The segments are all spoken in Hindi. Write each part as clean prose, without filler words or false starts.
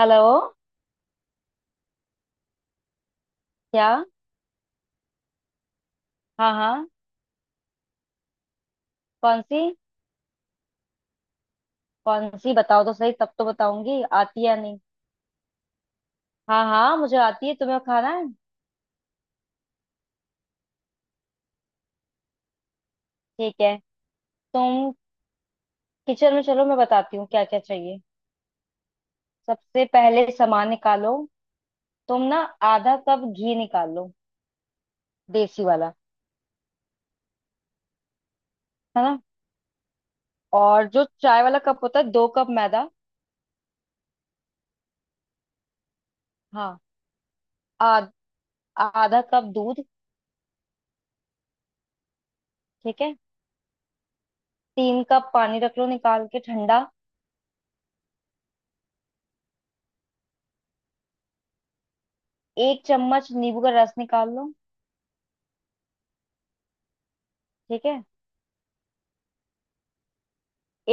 हेलो। क्या? हाँ, हाँ। कौन सी? कौन सी बताओ तो सही, तब तो बताऊंगी आती है या नहीं। हाँ, हाँ, मुझे आती है। तुम्हें खाना है? ठीक है। तुम किचन में चलो, मैं बताती हूँ क्या क्या चाहिए। सबसे पहले सामान निकालो। तुम ना ½ कप घी निकालो, देसी वाला। है ना। और जो चाय वाला कप होता है, 2 कप मैदा। हाँ। आध, ½ कप दूध। ठीक है। 3 कप पानी रख लो निकाल के, ठंडा। 1 चम्मच नींबू का रस निकाल लो। ठीक है।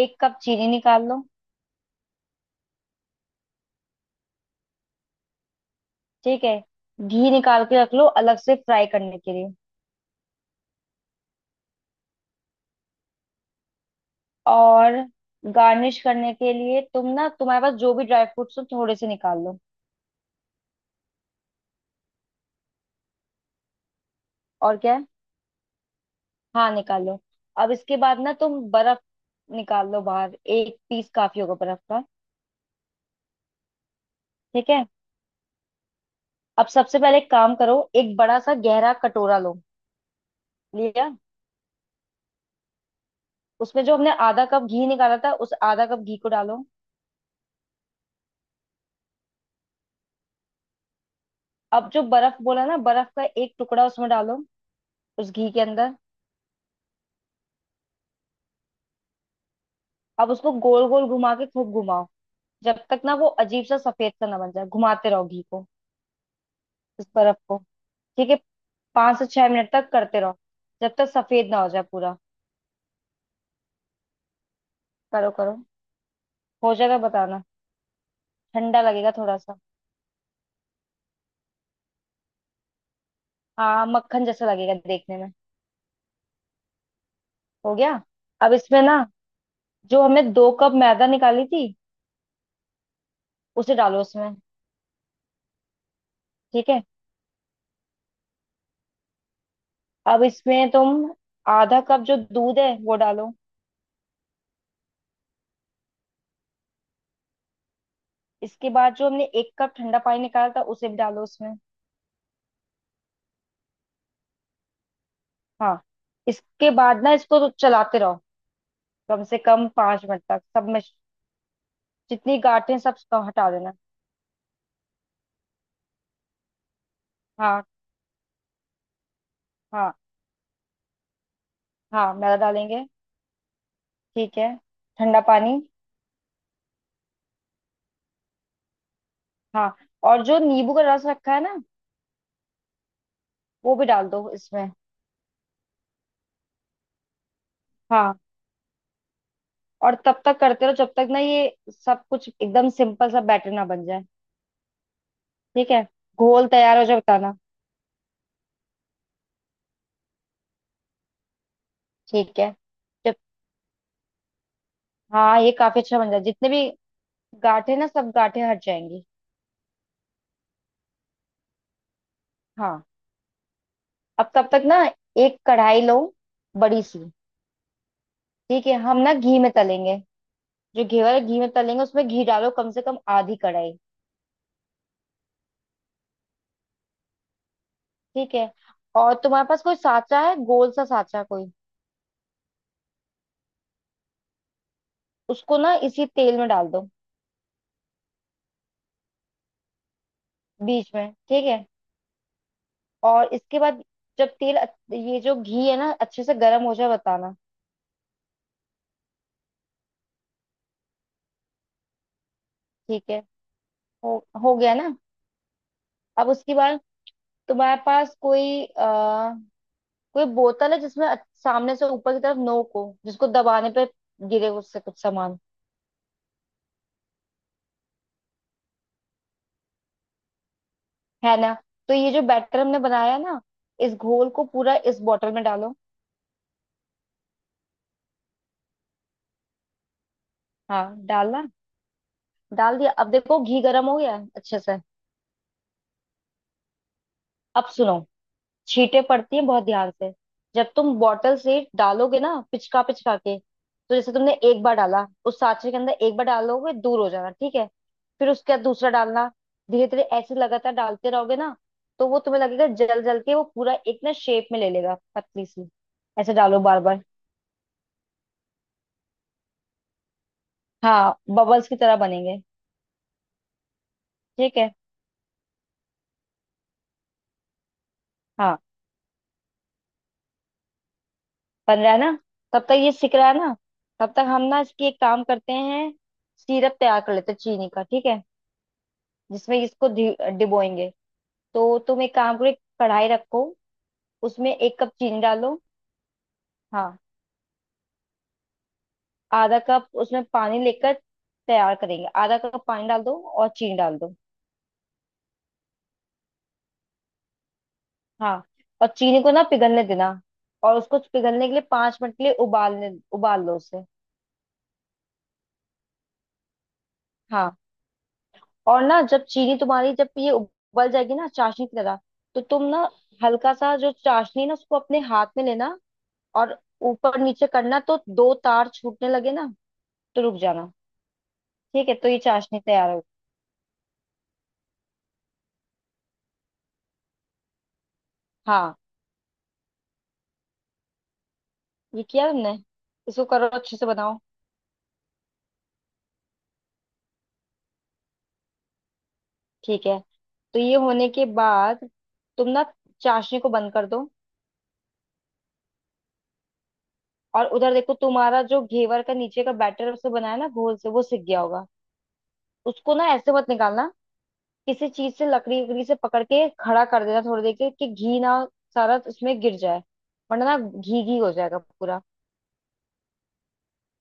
1 कप चीनी निकाल लो। ठीक है। घी निकाल के रख लो अलग से फ्राई करने के लिए। और गार्निश करने के लिए तुम ना, तुम्हारे पास जो भी ड्राई फ्रूट्स हो थोड़े से निकाल लो। और क्या है? हाँ, निकाल लो। अब इसके बाद ना तुम बर्फ निकाल लो बाहर, एक पीस काफी होगा बर्फ का। ठीक है। अब सबसे पहले एक काम करो, एक बड़ा सा गहरा कटोरा लो। लिया। उसमें जो हमने ½ कप घी निकाला था, उस ½ कप घी को डालो। अब जो बर्फ बोला ना, बर्फ का एक टुकड़ा उसमें डालो, उस घी के अंदर। अब उसको गोल गोल घुमा के खूब घुमाओ। जब तक ना वो अजीब सा सफेद सा ना बन जाए, घुमाते रहो घी को, इस बर्फ को। ठीक है। 5 से 6 मिनट तक करते रहो, जब तक सफेद ना हो जाए पूरा। करो करो, हो जाएगा बताना। ठंडा लगेगा थोड़ा सा। हाँ मक्खन जैसा लगेगा देखने में। हो गया? अब इसमें ना जो हमने 2 कप मैदा निकाली थी उसे डालो उसमें। ठीक है। अब इसमें तुम ½ कप जो दूध है वो डालो। इसके बाद जो हमने 1 कप ठंडा पानी निकाला था उसे भी डालो उसमें। हाँ। इसके बाद ना इसको तो चलाते रहो, कम से कम 5 मिनट तक सब में। जितनी गांठें सब हटा देना। हाँ। हाँ। हाँ मैदा डालेंगे। ठीक है। ठंडा पानी। हाँ। और जो नींबू का रस रखा है ना, वो भी डाल दो इसमें। हाँ। और तब तक करते रहो जब तक ना ये सब कुछ एकदम सिंपल सा बैटर ना बन जाए। ठीक है। घोल तैयार हो जाए बताना। ठीक है। जब, हाँ ये काफी अच्छा बन जाए, जितने भी गांठें ना सब गांठें हट जाएंगी। हाँ। अब तब तक ना एक कढ़ाई लो, बड़ी सी। ठीक है। हम ना घी में तलेंगे, जो घी वाले घी में तलेंगे उसमें घी डालो कम से कम ½ कढ़ाई। ठीक है। और तुम्हारे पास कोई साचा है, गोल सा साचा कोई? उसको ना इसी तेल में डाल दो, बीच में। ठीक है। और इसके बाद जब तेल ये जो घी है ना अच्छे से गर्म हो जाए बताना। ठीक है। हो हो गया ना? अब उसके बाद तुम्हारे पास कोई कोई बोतल है जिसमें सामने से ऊपर की तरफ नोक हो, जिसको दबाने पे गिरे उससे कुछ सामान। है ना? तो ये जो बैटर हमने बनाया ना, इस घोल को पूरा इस बोतल में डालो। हाँ डालना। डाल दिया? अब देखो घी गर्म हो गया है अच्छे से। अब सुनो, छींटे पड़ती हैं बहुत, ध्यान से। जब तुम बॉटल से डालोगे ना पिचका पिचका के, तो जैसे तुमने एक बार डाला उस सांचे के अंदर, एक बार डालोगे दूर हो जाना ठीक है। फिर उसके बाद दूसरा डालना। धीरे धीरे ऐसे लगातार डालते रहोगे ना, तो वो तुम्हें लगेगा जल जल के वो पूरा एक ना शेप में ले लेगा पतली सी। ऐसे डालो बार बार। हाँ बबल्स की तरह बनेंगे। ठीक है। हाँ। बन रहा है ना? तब तक ये सिक रहा है ना। तब तक हम ना इसकी एक काम करते हैं, सिरप तैयार कर लेते हैं चीनी का, ठीक है। जिसमें इसको डिबोएंगे। तो तुम एक काम करो, एक कढ़ाई रखो। उसमें 1 कप चीनी डालो। हाँ। ½ कप उसमें पानी लेकर तैयार करेंगे, ½ कप पानी डाल दो और चीनी डाल दो। हाँ। और चीनी को ना पिघलने देना। और उसको पिघलने के लिए 5 मिनट के लिए उबालने उबाल लो उसे। हाँ। और ना जब चीनी तुम्हारी जब ये उबल जाएगी ना चाशनी की तरह, तो तुम ना हल्का सा जो चाशनी है ना उसको अपने हाथ में लेना और ऊपर नीचे करना, तो दो तार छूटने लगे ना तो रुक जाना। ठीक है। तो ये चाशनी तैयार हो, हाँ ये किया तुमने? इसको करो अच्छे से बनाओ। ठीक है। तो ये होने के बाद तुम ना चाशनी को बंद कर दो। और उधर देखो तुम्हारा जो घेवर का नीचे का बैटर उसे बनाया ना घोल से, वो सिक गया होगा। उसको ना ऐसे मत निकालना, किसी चीज से लकड़ी वकड़ी से पकड़ के खड़ा कर देना थोड़ी देर के, कि घी ना सारा उसमें गिर जाए। वरना ना घी घी हो जाएगा पूरा।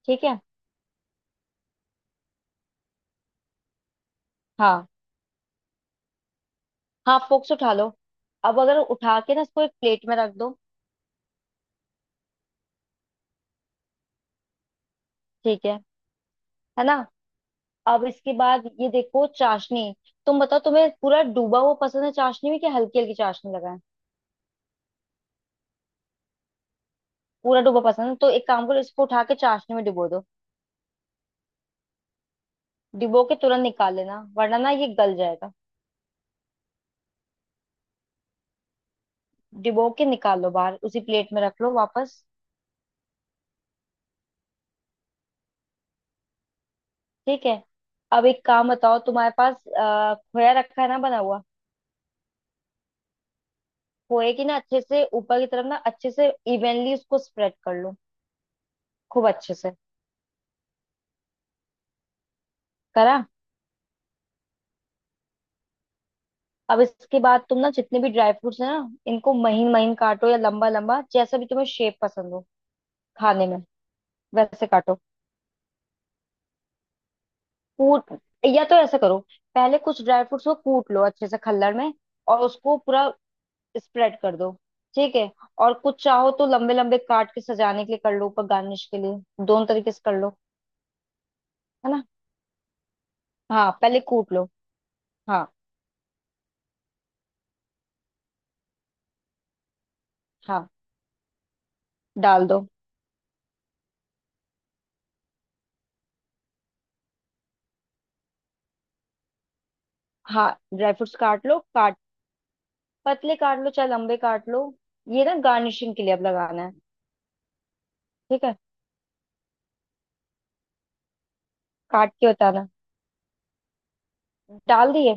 ठीक है। हाँ। हाँ फोक्स उठा लो। अब अगर उठा के ना इसको एक प्लेट में रख दो। ठीक है। है ना। अब इसके बाद ये देखो चाशनी, तुम बताओ तुम्हें पूरा डूबा हुआ पसंद है चाशनी में कि हल्की हल्की चाशनी लगाए? पूरा डूबा पसंद है तो एक काम करो, इसको उठा के चाशनी में डुबो दो। डुबो के तुरंत निकाल लेना वरना ना ये गल जाएगा। डिबो के निकाल लो बाहर, उसी प्लेट में रख लो वापस। ठीक है। अब एक काम बताओ, तुम्हारे पास खोया रखा है ना बना हुआ? खोए की ना अच्छे से ऊपर की तरफ ना अच्छे से इवनली उसको स्प्रेड कर लो। खूब अच्छे से करा? अब इसके बाद तुम ना जितने भी ड्राई फ्रूट्स है ना, इनको महीन महीन काटो या लंबा लंबा जैसा भी तुम्हें शेप पसंद हो खाने में। वैसे काटो कूट, या तो ऐसा करो, पहले कुछ ड्राई फ्रूट्स को कूट लो अच्छे से खल्लड़ में और उसको पूरा स्प्रेड कर दो। ठीक है। और कुछ चाहो तो लंबे लंबे काट के सजाने के लिए कर लो ऊपर गार्निश के लिए, दोनों तरीके से कर लो। है ना? हाँ पहले कूट लो। हाँ। हाँ डाल दो। हाँ। ड्राई फ्रूट्स काट लो, काट, पतले काट लो चाहे लंबे काट लो। ये ना गार्निशिंग के लिए अब लगाना है। ठीक है। काट के बताना। डाल दिए?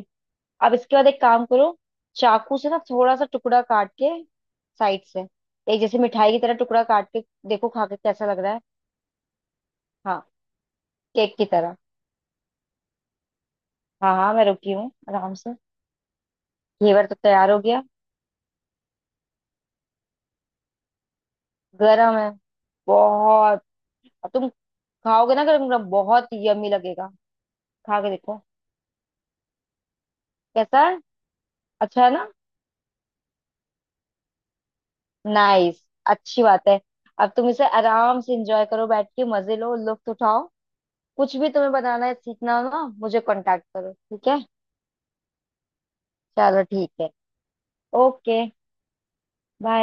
अब इसके बाद एक काम करो, चाकू से ना थोड़ा सा टुकड़ा काट के साइड से, एक जैसे मिठाई की तरह टुकड़ा काट के देखो खा के कैसा लग रहा है। हाँ केक की तरह। हाँ हाँ मैं रुकी हूँ आराम से। घेवर तो तैयार हो गया। गरम है बहुत। अब तुम खाओगे ना गरम गरम बहुत यम्मी लगेगा। खा के देखो कैसा है। अच्छा है ना? नाइस। अच्छी बात है। अब तुम इसे आराम से एंजॉय करो, बैठ के मजे लो लुत्फ उठाओ। कुछ भी तुम्हें बनाना है सीखना हो ना मुझे कांटेक्ट करो ठीक है। चलो ठीक है। Okay bye.